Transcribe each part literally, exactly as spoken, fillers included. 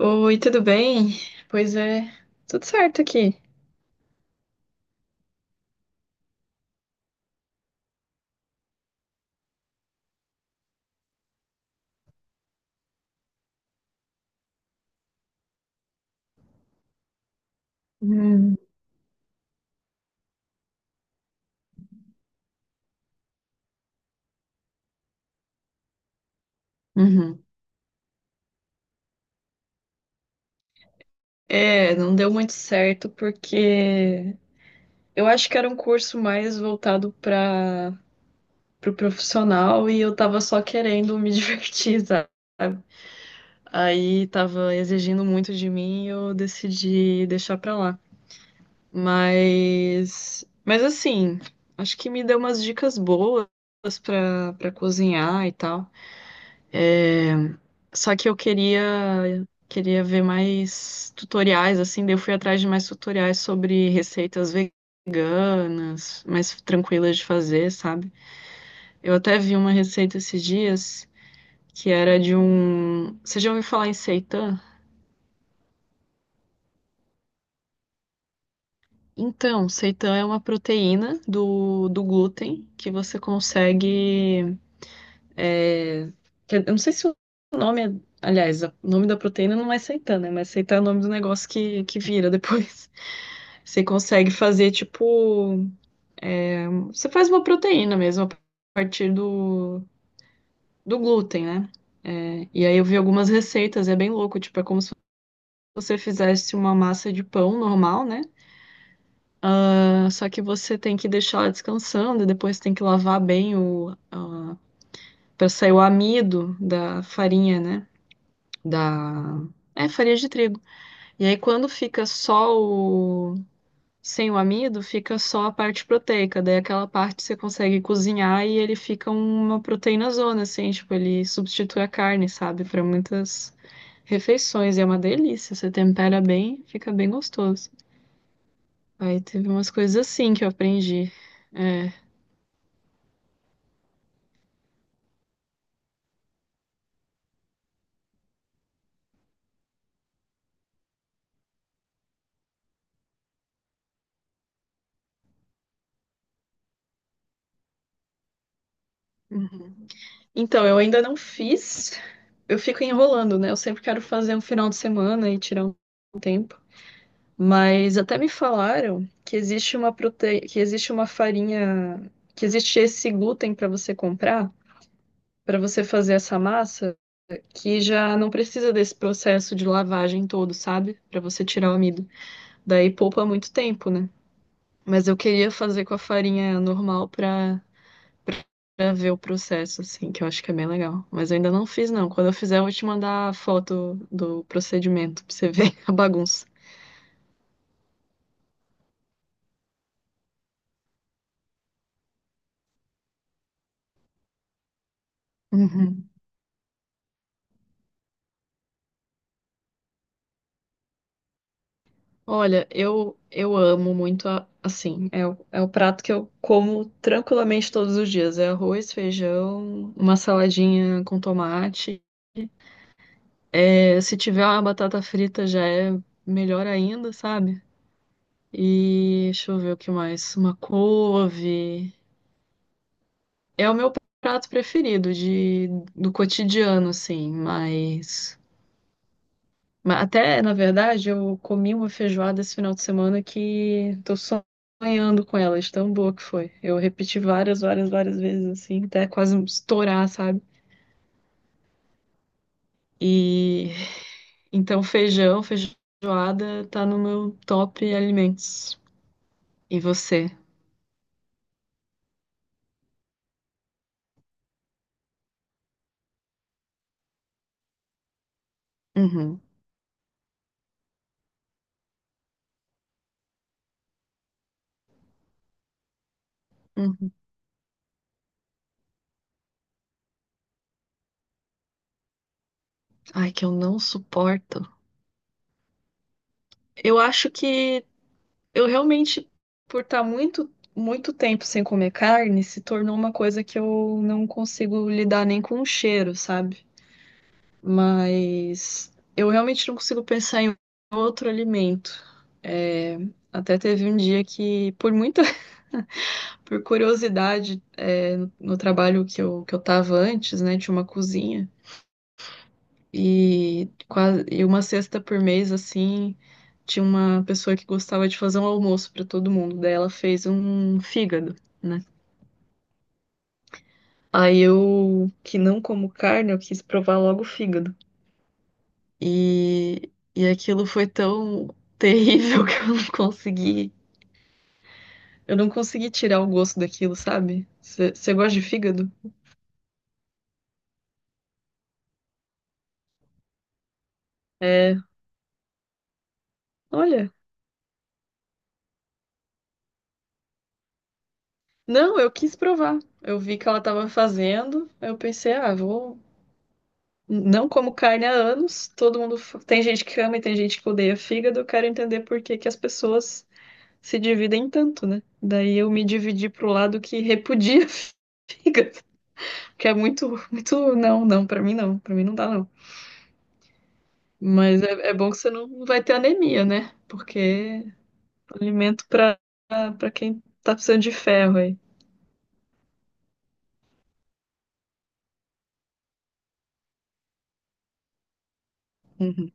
Oi, tudo bem? Pois é, tudo certo aqui. Hum, uhum. É, não deu muito certo porque eu acho que era um curso mais voltado para o pro profissional e eu tava só querendo me divertir, sabe? Aí tava exigindo muito de mim e eu decidi deixar pra lá. Mas, mas assim, acho que me deu umas dicas boas pra, pra cozinhar e tal. É, só que eu queria queria ver mais tutoriais, assim, daí eu fui atrás de mais tutoriais sobre receitas veganas, mais tranquilas de fazer, sabe? Eu até vi uma receita esses dias que era de um. Você já ouviu falar em seitan? Então, seitan é uma proteína do, do glúten que você consegue. É, que- eu não sei se o nome é. Aliás, o nome da proteína não é seitana, mas seitana é o nome do negócio que, que vira depois. Você consegue fazer, tipo. Você faz uma proteína mesmo, do glúten, né? É, e aí eu vi algumas receitas, é bem louco, tipo, é como se você fizesse uma massa de pão normal, né? Ah, só que você tem que deixar ela descansando e depois tem que lavar bem o. Para sair o amido da farinha, né? Da. É, farinha de trigo. E aí, quando fica só o. Sem o amido, fica só a parte proteica. Daí, aquela parte você consegue cozinhar e ele fica uma proteína zona, assim. Tipo, ele substitui a carne, sabe? Para muitas refeições. E é uma delícia. Você tempera bem, fica bem gostoso. Aí, teve umas coisas assim que eu aprendi. É. Uhum. Então, eu ainda não fiz. Eu fico enrolando, né? Eu sempre quero fazer um final de semana e tirar um tempo. Mas até me falaram que existe uma prote... que existe uma farinha, que existe esse glúten para você comprar, para você fazer essa massa, que já não precisa desse processo de lavagem todo, sabe? Para você tirar o amido. Daí poupa muito tempo, né? Mas eu queria fazer com a farinha normal para para ver o processo, assim, que eu acho que é bem legal. Mas eu ainda não fiz, não. Quando eu fizer, eu vou te mandar a foto do procedimento para você ver a bagunça. Uhum. Olha, eu, eu amo muito a- assim. É o, é o prato que eu como tranquilamente todos os dias. É arroz, feijão, uma saladinha com tomate. É, se tiver uma batata frita já é melhor ainda, sabe? E deixa eu ver o que mais. Uma couve. É o meu prato preferido de, do cotidiano, assim, mas. Mas até, na verdade, eu comi uma feijoada esse final de semana que tô sonhando com ela, de tão boa que foi. Eu repeti várias, várias, várias vezes, assim, até quase estourar, sabe? E então feijão, feijoada tá no meu top alimentos. E você? Uhum. Uhum. Ai, que eu não suporto. Eu acho que eu realmente, por estar muito, muito tempo sem comer carne, se tornou uma coisa que eu não consigo lidar nem com o cheiro, sabe? Mas eu realmente não consigo pensar em outro alimento. É, até teve um dia que, por muita, por curiosidade, é, no, no trabalho que eu, que eu tava antes, né, tinha uma cozinha e, quase, e uma sexta por mês, assim, tinha uma pessoa que gostava de fazer um almoço para todo mundo. Daí ela fez um fígado, né? Aí eu, que não como carne, eu quis provar logo o fígado. E, e aquilo foi tão terrível que eu não consegui. Eu não consegui tirar o gosto daquilo, sabe? Você gosta de fígado? É, olha. Não, eu quis provar. Eu vi que ela tava fazendo, aí eu pensei, ah, vou. Não como carne há anos, todo mundo. fa- Tem gente que ama e tem gente que odeia fígado, eu quero entender por que que as pessoas se dividem tanto, né? Daí eu me dividi pro lado que repudia fígado, que é muito, muito. Não, não, pra mim não, pra mim não dá, não. Mas é, é bom que você não não vai ter anemia, né? Porque alimento para para quem tá precisando de ferro aí. Uhum.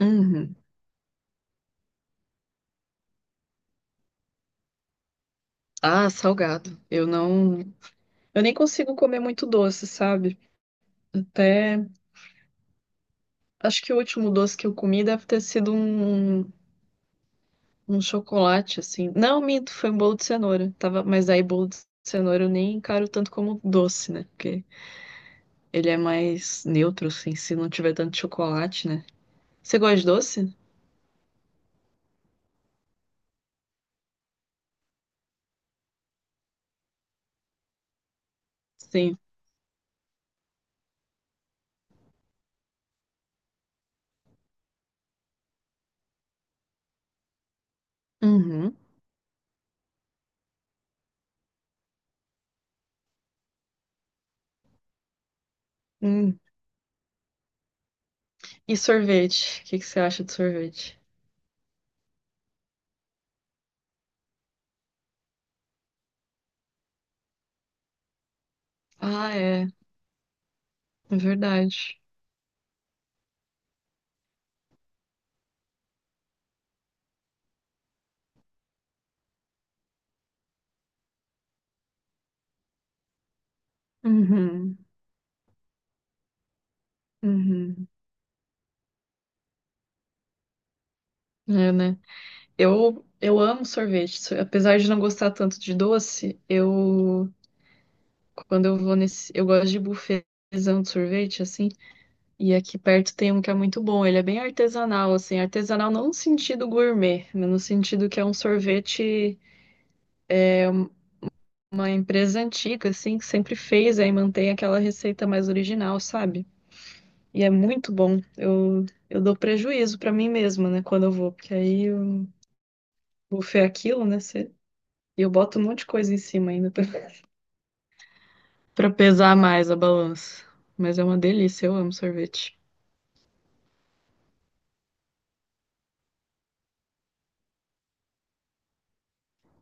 Uhum. Ah, salgado. Eu não. Eu nem consigo comer muito doce, sabe? Até acho que o último doce que eu comi deve ter sido um, um chocolate, assim. Não, minto, foi um bolo de cenoura. Tava, mas aí bolo de cenoura eu nem encaro tanto como doce, né? Porque ele é mais neutro, assim, se não tiver tanto chocolate, né? Você gosta de doce? Sim. Uhum. Hum, e sorvete? O que que você acha de sorvete? Ah, é, é verdade. Uhum, uhum. É, né? Eu, eu amo sorvete. So- Apesar de não gostar tanto de doce, eu quando eu vou nesse, eu gosto de buffetzão de sorvete assim, e aqui perto tem um que é muito bom. Ele é bem artesanal assim, artesanal não no sentido gourmet, mas no sentido que é um sorvete, uma empresa antiga assim, que sempre fez aí mantém aquela receita mais original, sabe? E é muito bom. Eu, eu dou prejuízo pra mim mesma, né, quando eu vou, porque aí eu vou fer aquilo, né, cê- e eu boto um monte de coisa em cima ainda pra, pra pesar mais a balança. Mas é uma delícia, eu amo sorvete.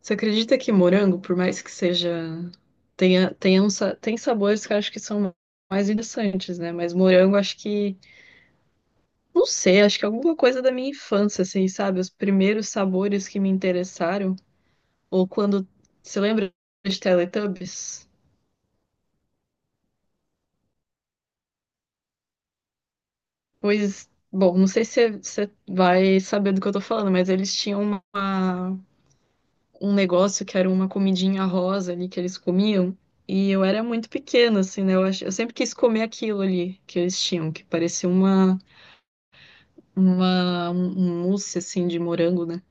Você acredita que morango, por mais que seja, tenha, tenha um, sa- tem sabores que eu acho que são mais interessantes, né? Mas morango, acho que, não sei, acho que é alguma coisa da minha infância, assim, sabe? Os primeiros sabores que me interessaram, ou quando, você lembra de Teletubbies? Pois, bom, não sei se você vai saber do que eu tô falando, mas eles tinham uma, um negócio que era uma comidinha rosa ali que eles comiam. E eu era muito pequena, assim, né? Eu, ach... eu sempre quis comer aquilo ali que eles tinham, que parecia uma, uma, um um mousse, assim, de morango, né?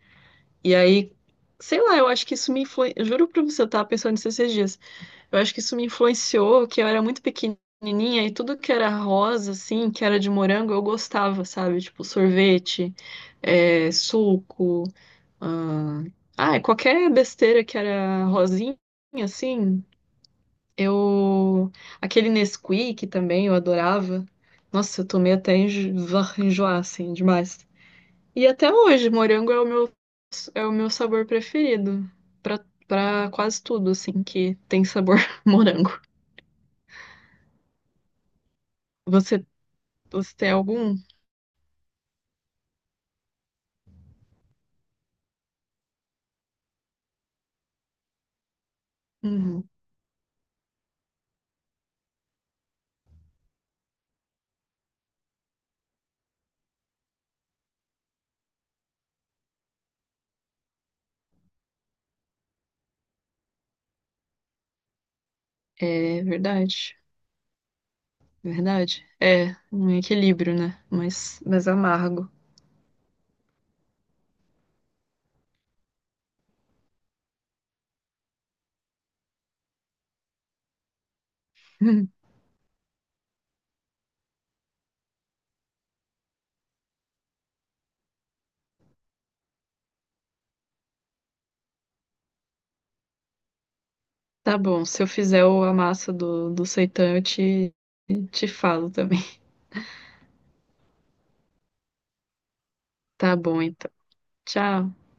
E aí, sei lá, eu acho que isso me influenciou. Juro pra você, eu tava pensando nisso esses dias. Eu acho que isso me influenciou, que eu era muito pequenininha e tudo que era rosa, assim, que era de morango, eu gostava, sabe? Tipo, sorvete, é, suco, ah, ah, qualquer besteira que era rosinha, assim, eu... Aquele Nesquik também, eu adorava. Nossa, eu tomei até enjo... enjoar, assim, demais. E até hoje, morango é o meu, é o meu sabor preferido. pra- Pra quase tudo, assim, que tem sabor morango. Você Você tem algum? Uhum. É verdade, verdade. É um equilíbrio, né? Mas, mas amargo. Tá bom, se eu fizer o- a massa do, do seitã, eu te, te falo também. Tá bom, então. Tchau.